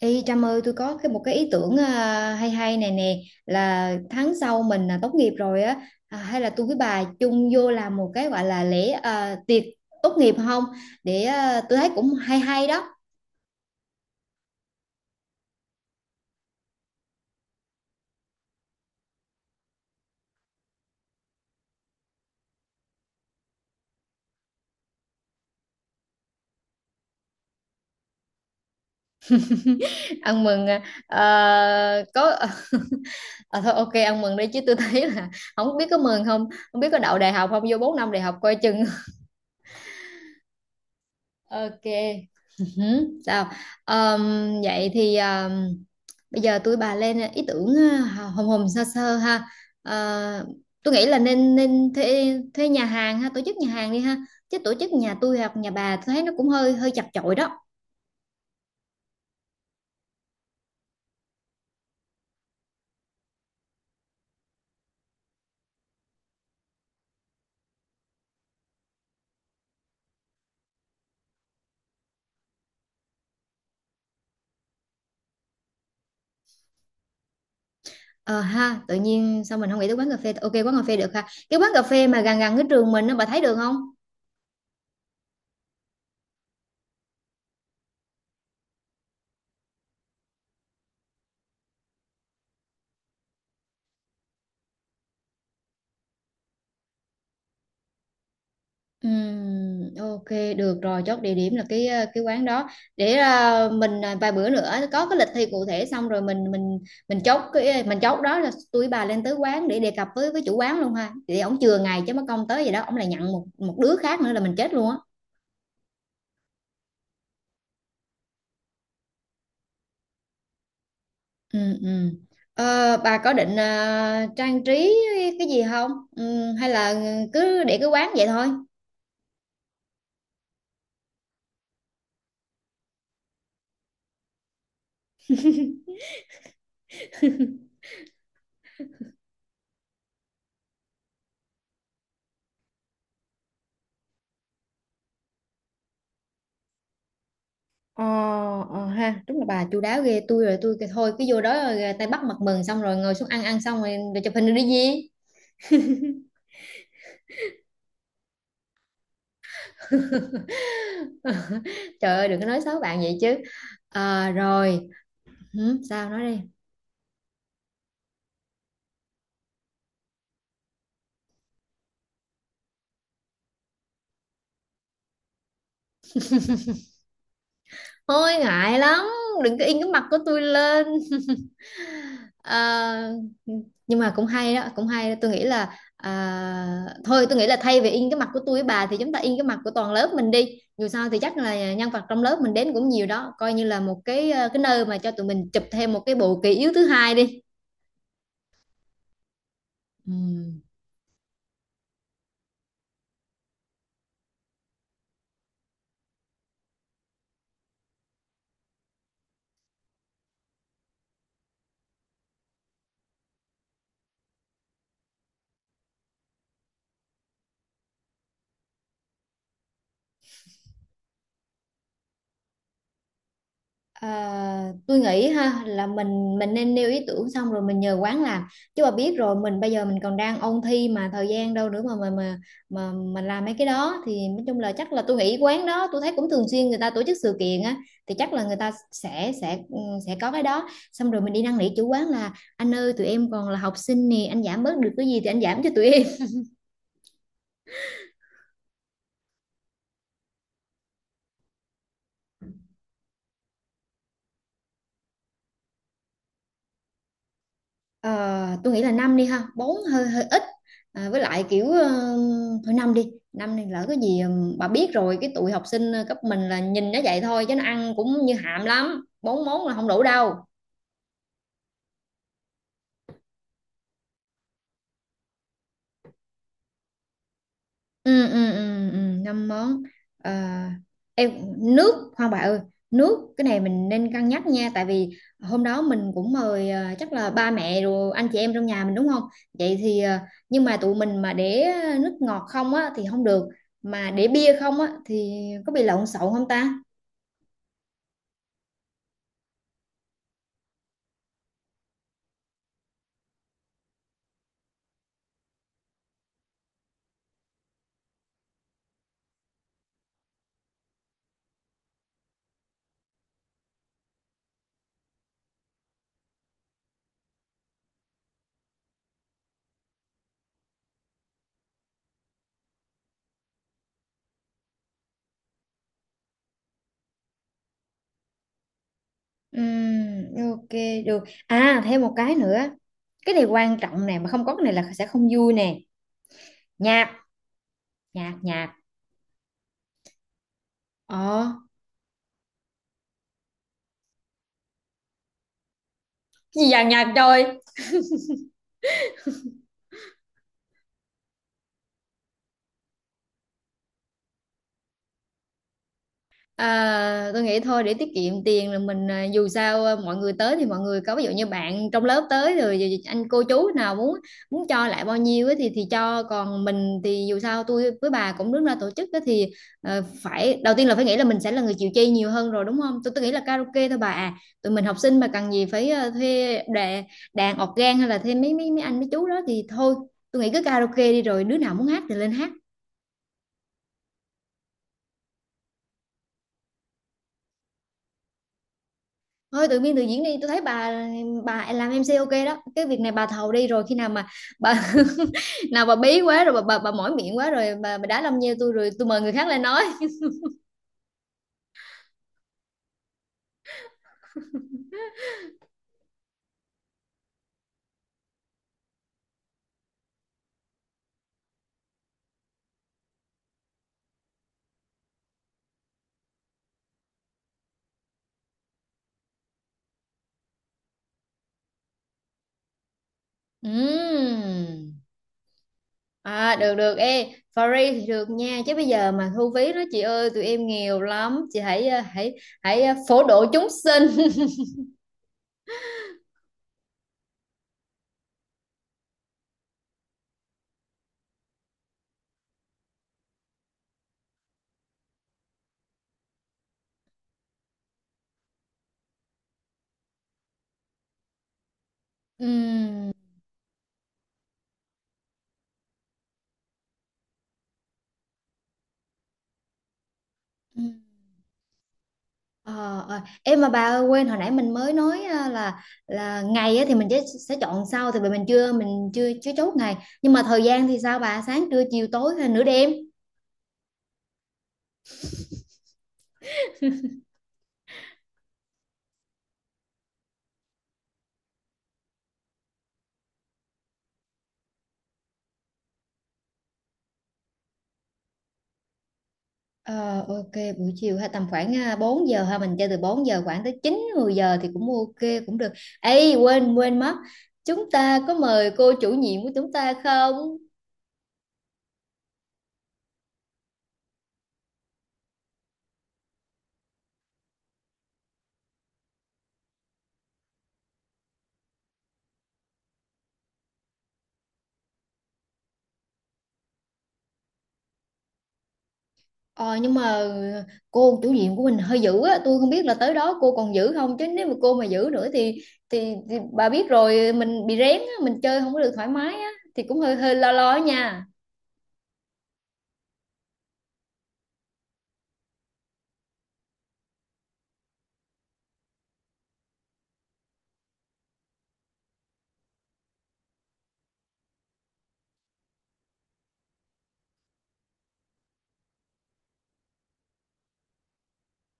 Ê Trâm ơi, tôi có một cái ý tưởng, hay hay này nè. Là tháng sau mình tốt nghiệp rồi á. Hay là tôi với bà chung vô làm một cái gọi là lễ, tiệc tốt nghiệp không? Để tôi thấy cũng hay hay đó. Ăn mừng. À, có. Thôi, ok, ăn mừng đi chứ tôi thấy là không biết có mừng không, không biết có đậu đại học không, vô 4 năm đại học coi chừng. Ok. Ừ, sao? Ờm, Vậy thì bây giờ tôi bà lên ý tưởng hồng hồng sơ sơ ha. Ờ, tôi nghĩ là nên nên thuê thuê nhà hàng ha, tổ chức nhà hàng đi ha, chứ tổ chức nhà tôi hoặc nhà bà tôi thấy nó cũng hơi hơi chật chội đó. Ờ ha, tự nhiên sao mình không nghĩ tới quán cà phê? Ok, quán cà phê được ha, cái quán cà phê mà gần gần cái trường mình nó, bà thấy được không? Ok, được rồi. Chốt địa điểm là cái cái quán đó. Để mình vài bữa nữa có cái lịch thi cụ thể xong rồi mình chốt, cái mình chốt đó là tôi với bà lên tới quán để đề cập với chủ quán luôn ha, thì ổng chừa ngày, chứ mất công tới vậy đó ổng lại nhận một một đứa khác nữa là mình chết luôn á. Ừ, ừ. Ờ, bà có định trang trí cái gì không, ừ, hay là cứ để cái quán vậy thôi? Ờ, ờ ha, đúng là bà chu đáo ghê. Tôi rồi tôi kêu thôi cứ vô đó rồi tay bắt mặt mừng, xong rồi ngồi xuống ăn, ăn xong rồi chụp hình rồi đi gì. Trời ơi, đừng có nói xấu bạn vậy chứ. Ờ, rồi. Hử, sao, nói đi. Thôi ngại lắm, đừng có in cái mặt của tôi lên. Ờ, nhưng mà cũng hay đó, cũng hay đó. Tôi nghĩ là thôi tôi nghĩ là thay vì in cái mặt của tôi với bà thì chúng ta in cái mặt của toàn lớp mình đi. Dù sao thì chắc là nhân vật trong lớp mình đến cũng nhiều đó, coi như là một cái cái nơi mà cho tụi mình chụp thêm một cái bộ kỷ yếu thứ hai đi. Ừ. À, tôi nghĩ ha là mình nên nêu ý tưởng xong rồi mình nhờ quán làm, chứ mà biết rồi mình bây giờ mình còn đang ôn thi mà thời gian đâu nữa mà mà mình làm mấy cái đó. Thì nói chung là chắc là tôi nghĩ quán đó tôi thấy cũng thường xuyên người ta tổ chức sự kiện á, thì chắc là người ta sẽ ừ, sẽ có cái đó. Xong rồi mình đi năn nỉ chủ quán là anh ơi tụi em còn là học sinh nè, anh giảm bớt được cái gì thì anh giảm cho tụi em. Ờ, tôi nghĩ là năm đi ha, bốn hơi hơi ít, à, với lại kiểu thôi năm đi. Năm này lỡ cái gì, bà biết rồi, cái tụi học sinh cấp mình là nhìn nó vậy thôi chứ nó ăn cũng như hạm lắm, bốn món là không đủ đâu. Ừ, Năm món. Ờ, em, nước khoan bà ơi, nước cái này mình nên cân nhắc nha. Tại vì hôm đó mình cũng mời chắc là ba mẹ rồi anh chị em trong nhà mình đúng không? Vậy thì nhưng mà tụi mình mà để nước ngọt không á thì không được, mà để bia không á thì có bị lộn xộn không ta? Ừm, ok được. À, thêm một cái nữa, cái này quan trọng nè, mà không có cái này là sẽ không vui nè. Nhạc. Nhạc nhạc. Ờ. Gì vậy, nhạc trời. À, tôi nghĩ thôi để tiết kiệm tiền là mình, à, dù sao à, mọi người tới thì mọi người có, ví dụ như bạn trong lớp tới rồi rồi anh cô chú nào muốn muốn cho lại bao nhiêu ấy, thì cho, còn mình thì dù sao tôi với bà cũng đứng ra tổ chức ấy, thì phải đầu tiên là phải nghĩ là mình sẽ là người chịu chi nhiều hơn rồi đúng không. Tôi nghĩ là karaoke thôi bà à. Tụi mình học sinh mà cần gì phải thuê đàn, đàn organ hay là thuê mấy mấy mấy anh mấy chú đó thì thôi. Tôi nghĩ cứ karaoke đi rồi đứa nào muốn hát thì lên hát. Thôi tự biên tự diễn đi. Tôi thấy bà làm em MC ok đó, cái việc này bà thầu đi. Rồi khi nào mà bà nào bà bí quá rồi bà, bà mỏi miệng quá rồi bà đá lâm nheo tôi rồi tôi mời người khác lên nói. Ừm. À, được được, ê free thì được nha, chứ bây giờ mà thu phí đó chị ơi, tụi em nghèo lắm chị, hãy ờ, hãy hãy ờ, phổ độ chúng sinh. Ừm. Ờ, ờ. Em mà bà ơi, quên hồi nãy mình mới nói à, là ngày á, thì mình sẽ chọn sau. Thì vì mình chưa, mình chưa chưa chốt ngày, nhưng mà thời gian thì sao bà, sáng trưa chiều tối hay nửa đêm? Ờ, ok, buổi chiều hay tầm khoảng 4 giờ ha, mình chơi từ 4 giờ khoảng tới 9 10 giờ thì cũng ok cũng được. Ê, quên quên mất, chúng ta có mời cô chủ nhiệm của chúng ta không? Ờ, nhưng mà cô chủ nhiệm của mình hơi dữ á, tôi không biết là tới đó cô còn dữ không, chứ nếu mà cô mà dữ nữa thì thì bà biết rồi, mình bị rén á, mình chơi không có được thoải mái á, thì cũng hơi hơi lo lo á nha.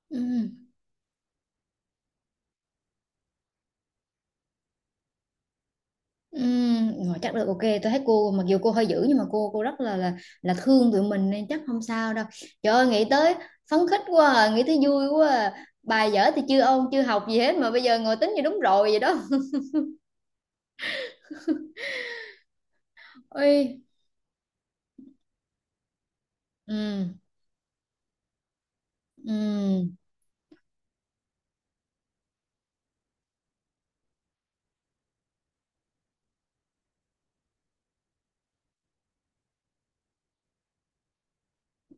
Ừ. Ừ, rồi, chắc được. Ok, tôi thấy cô mặc dù cô hơi dữ nhưng mà cô rất là là thương tụi mình nên chắc không sao đâu. Trời ơi nghĩ tới phấn khích quá, à, nghĩ tới vui quá, à. Bài dở thì chưa ôn chưa học gì hết mà bây giờ ngồi tính như đúng rồi vậy đó. Ôi. Ừ. Ừ.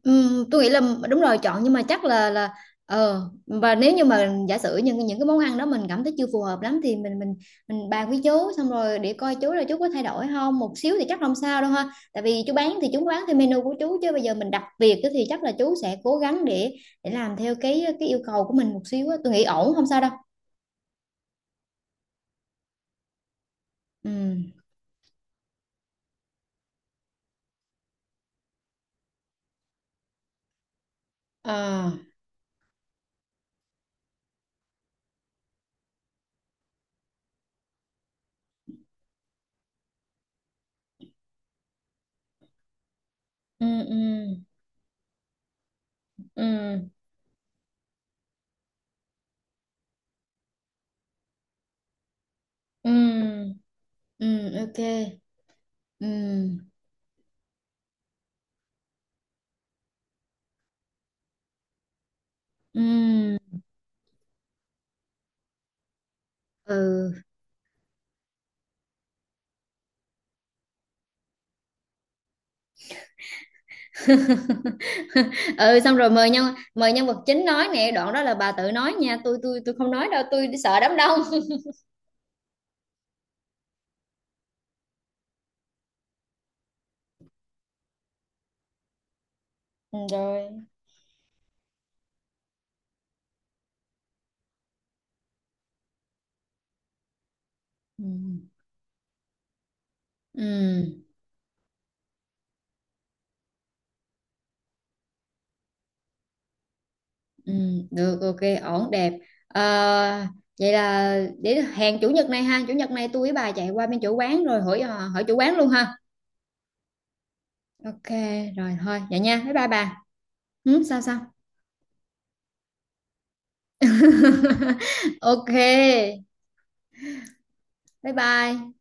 Tôi nghĩ là đúng rồi, chọn. Nhưng mà chắc là ờ, và nếu như mà giả sử những cái món ăn đó mình cảm thấy chưa phù hợp lắm thì mình bàn với chú xong rồi để coi chú là chú có thay đổi không một xíu thì chắc không sao đâu ha. Tại vì chú bán thì chú bán theo menu của chú, chứ bây giờ mình đặt việc á thì chắc là chú sẽ cố gắng để làm theo cái yêu cầu của mình một xíu á. Tôi nghĩ ổn, không sao đâu. Ừ. À. Ừ ừ ừ ừ ừ. Ok. Ừ ừ ừ. Ừ, xong rồi mời nhân, mời nhân vật chính nói nè, đoạn đó là bà tự nói nha, tôi không nói đâu, tôi sợ đám đông. Ừ, rồi. Ừ. Ừ. Ừ. Được, ok, ổn đẹp. Ờ, vậy là để hẹn chủ nhật này ha, chủ nhật này tôi với bà chạy qua bên chủ quán rồi hỏi, ờ, hỏi chủ quán luôn ha. Ok, rồi thôi vậy nha, bye bye bà. Ừ, sao sao? Ok, bye bye.